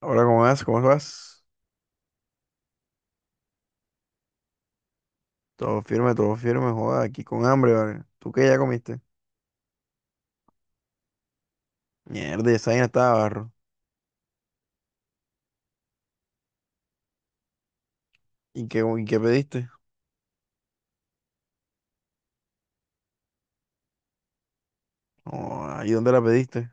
Ahora, ¿cómo vas? ¿Cómo vas? Todo firme, joda, aquí con hambre, ¿vale? ¿Tú qué ya comiste? Mierda, esa vaina estaba barro. ¿Y qué pediste? Oh, ¿ahí dónde la pediste?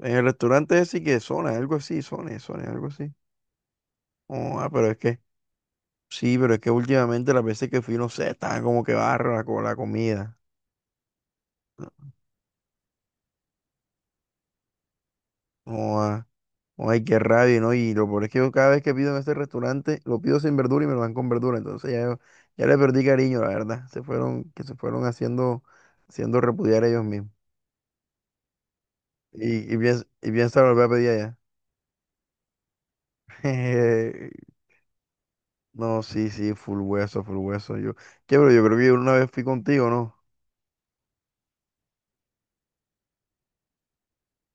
En el restaurante ese que Zona, algo así, Zona, algo así. Oh, ah, pero es que, sí, pero es que últimamente las veces que fui, no sé, estaba como que barro la comida. Oh, ah. Ay, qué rabia, ¿no? Y lo peor es que yo cada vez que pido en este restaurante, lo pido sin verdura y me lo dan con verdura. Entonces ya, ya le perdí cariño, la verdad. Se fueron, que se fueron haciendo, haciendo repudiar ellos mismos. Y piensa volver a pedir allá. No, sí, sí, full hueso, full hueso. Pero yo creo que yo una vez fui contigo, ¿no?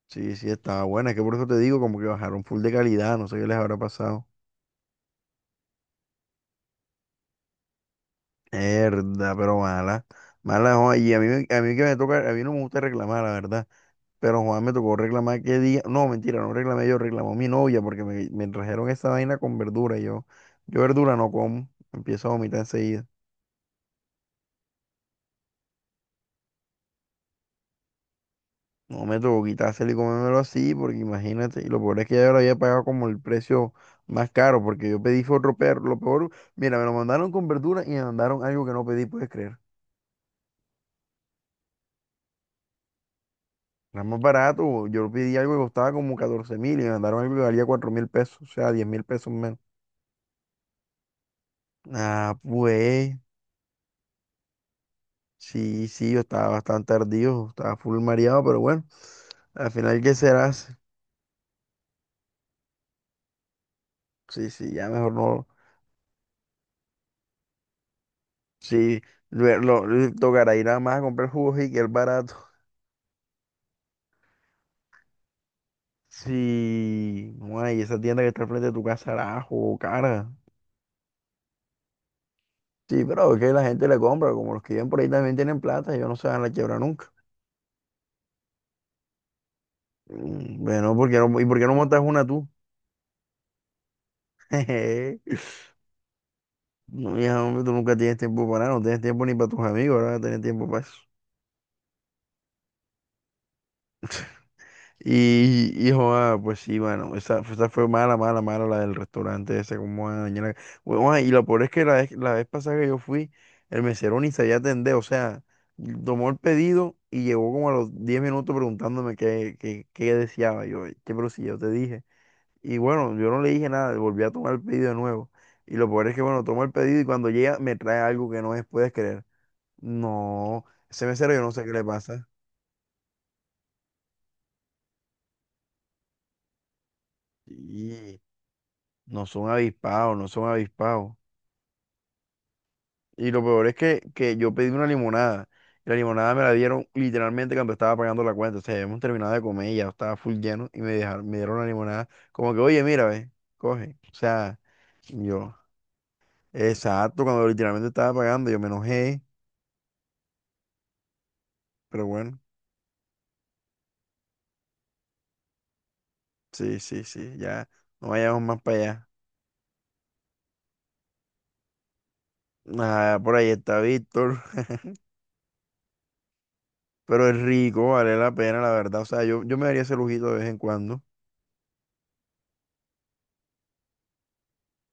Sí, sí, estaba buena. Es que por eso te digo, como que bajaron full de calidad, no sé qué les habrá pasado. Herda, pero mala. Mala, joa, y a mí que me toca, a mí no me gusta reclamar, la verdad. Pero Juan me tocó reclamar qué día. No, mentira, no reclamé yo, reclamó mi novia porque me trajeron esa vaina con verdura. Y yo verdura no como, empiezo a vomitar enseguida. No me tocó quitárselo y comérmelo así, porque imagínate. Y lo peor es que ya yo lo había pagado como el precio más caro, porque yo pedí fue otro perro. Lo peor, mira, me lo mandaron con verdura y me mandaron algo que no pedí, puedes creer. Era más barato, yo pedí algo que costaba como 14.000 y me mandaron algo que valía 4.000 pesos, o sea, 10.000 pesos menos. Ah, pues. Sí, sí, yo estaba bastante ardido, estaba full mareado, pero bueno, al final, ¿qué serás? Sí, sí, ya mejor no. Sí, tocará ir a más a comprar jugos y que es barato. Sí, no, y esa tienda que está al frente de tu casa era jugo cara. Sí, pero es que la gente le compra, como los que viven por ahí también tienen plata, ellos no se van a la quiebra nunca. Bueno, ¿ por qué no montas una tú? Jeje. No, hija, hombre, tú nunca tienes tiempo para nada, no tienes tiempo ni para tus amigos, ahora vas a tener tiempo para eso. Y joda, pues sí, bueno, esa fue mala, mala, mala la del restaurante ese, como van a dañar la- Hue- joda, y lo peor es que la vez pasada que yo fui, el mesero ni sabía atender, o sea, tomó el pedido y llegó como a los 10 minutos preguntándome qué deseaba yo, qué pero si yo te dije. Y bueno, yo no le dije nada, volví a tomar el pedido de nuevo. Y lo peor es que, bueno, tomo el pedido y cuando llega me trae algo que no es, puedes creer. No, ese mesero yo no sé qué le pasa. No son avispados, no son avispados. Y lo peor es que yo pedí una limonada. Y la limonada me la dieron literalmente cuando estaba pagando la cuenta. O sea, hemos terminado de comer, y ya estaba full lleno y me dejaron, me dieron la limonada. Como que, oye, mira, ve, coge. O sea, yo, exacto, cuando literalmente estaba pagando, yo me enojé. Pero bueno, sí, sí, sí, ya no vayamos más para allá. Nada, por ahí está Víctor. Pero es rico, vale la pena, la verdad. O sea, yo me daría ese lujito de vez en cuando.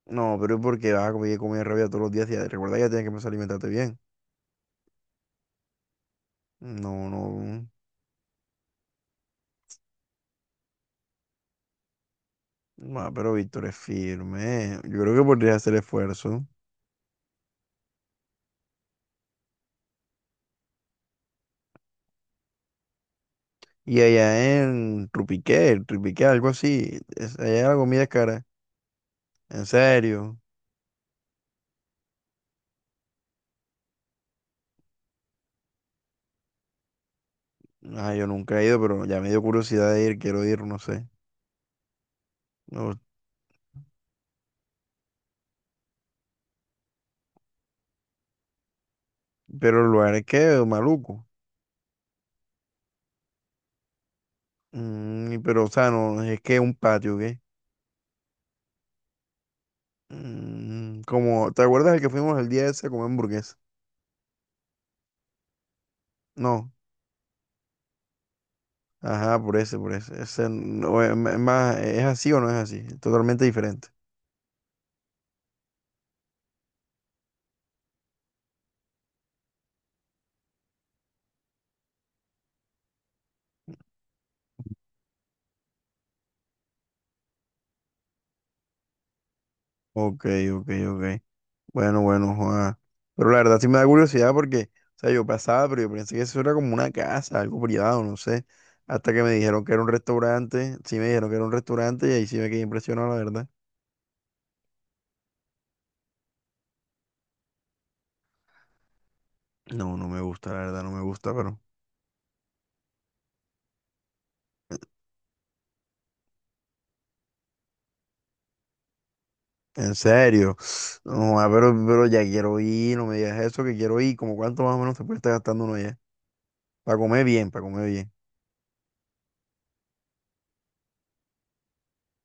No, pero es porque vas a comer, comer rabia todos los días y recuerda que ya tienes que empezar a alimentarte bien. No, no. No, pero Víctor es firme. Yo creo que podría hacer esfuerzo. Y allá en Trupiqué, algo así, es- allá la comida es cara. En serio. Ah, yo nunca he ido, pero ya me dio curiosidad de ir, quiero ir, no sé. No, pero el lugar es que maluco. Mm, pero, o sea, no, es que es un patio, ¿qué? Mm, como, ¿te acuerdas el que fuimos el día ese a comer hamburguesa? No. Ajá, por eso, por eso. Ese no es más, ¿es así o no es así? Totalmente diferente. Ok, ok, ok. Bueno, bueno, Juan. Pero la verdad sí me da curiosidad porque, o sea, yo pasaba, pero yo pensé que eso era como una casa, algo privado, no sé. Hasta que me dijeron que era un restaurante. Sí me dijeron que era un restaurante y ahí sí me quedé impresionado, la verdad. No, no me gusta, la verdad, no me gusta, pero. En serio. No, Juan, pero ya quiero ir, no me digas eso, que quiero ir. ¿Como cuánto más o menos se puede estar gastando uno ya? Para comer bien, para comer bien.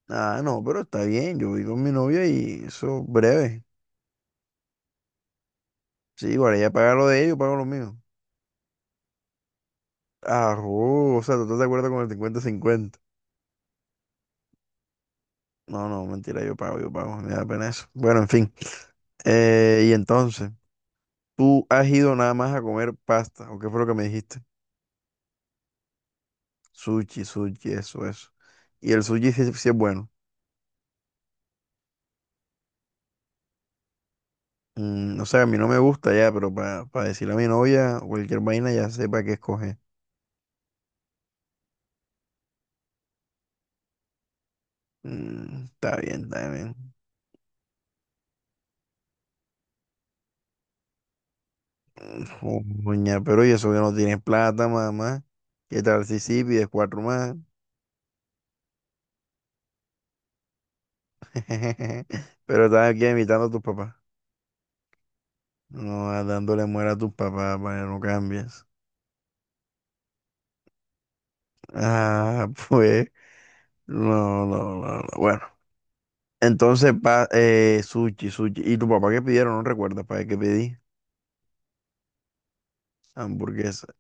Ah, no, pero está bien, yo voy con mi novia y eso breve. Sí, igual ella paga lo de ellos, pago lo mío. Ah, oh, o sea, ¿tú estás de acuerdo con el 50-50? No, no, mentira, yo pago, me da pena eso. Bueno, en fin. Y entonces, ¿tú has ido nada más a comer pasta? ¿O qué fue lo que me dijiste? Sushi, sushi, eso, eso. Y el sushi sí, sí es bueno. Mm, o sea, a mí no me gusta ya, pero para decirle a mi novia o cualquier vaina ya sepa qué escoger. Mm, está bien, está bien. Uña, pero y eso que no tienes plata, mamá. ¿Qué tal si sí pides cuatro más? Pero estás aquí imitando a tus papás. No, ah, dándole muera a tus papás para que no cambies. Ah, pues. No, no, no, no. Bueno. Entonces, pa, sushi, sushi. ¿Y tu papá qué pidieron? No recuerdas para qué pedí. Hamburguesa.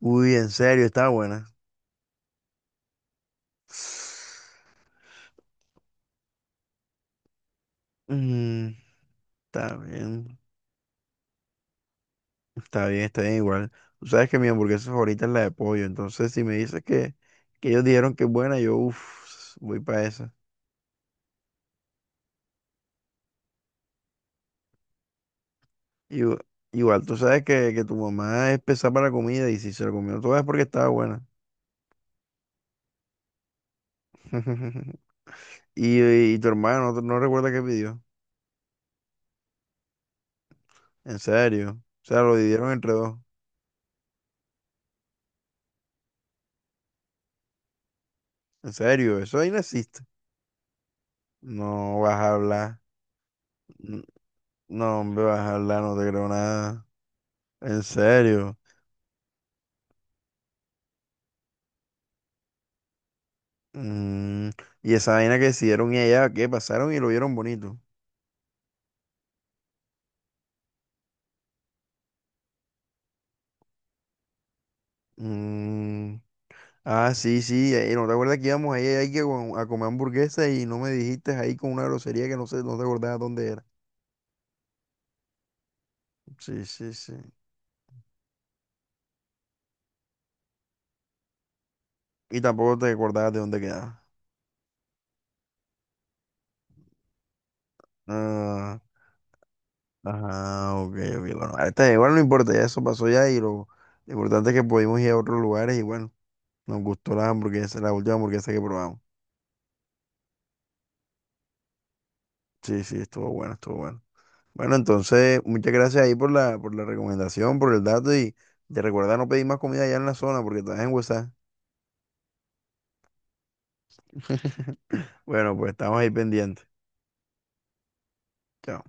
Uy, en serio, está buena. Mm, está bien. Está bien, está bien igual. Tú sabes que mi hamburguesa favorita es la de pollo, entonces si me dices que ellos dijeron que es buena, yo uff, voy para esa. Igu- Igual, tú sabes que tu mamá es pesada para la comida y si se la comió toda es porque estaba buena. Y tu hermano no recuerda qué pidió. En serio. O sea, lo dividieron entre dos. En serio, eso ahí no existe. No vas a hablar. N- No, hombre, vas a hablar, no te creo nada. En serio. Mm, y esa vaina que decidieron y allá, qué pasaron y lo vieron bonito. Mm, ah, sí, sí, ¿no te acuerdas que íbamos ahí que a comer hamburguesa y no me dijiste ahí con una grosería que no sé, no te acordabas dónde era? Sí, sí, sí. Y tampoco te acordabas de dónde quedaba. Ah, ajá, ok, ok, bueno, ahorita igual no importa, ya eso pasó ya y lo importante es que pudimos ir a otros lugares y bueno, nos gustó la hamburguesa, la última hamburguesa que probamos. Sí, sí, estuvo bueno, estuvo bueno. Bueno, entonces, muchas gracias ahí por la recomendación, por el dato y te recuerda no pedir más comida allá en la zona porque estás en WhatsApp. Bueno, pues estamos ahí pendientes. Chao.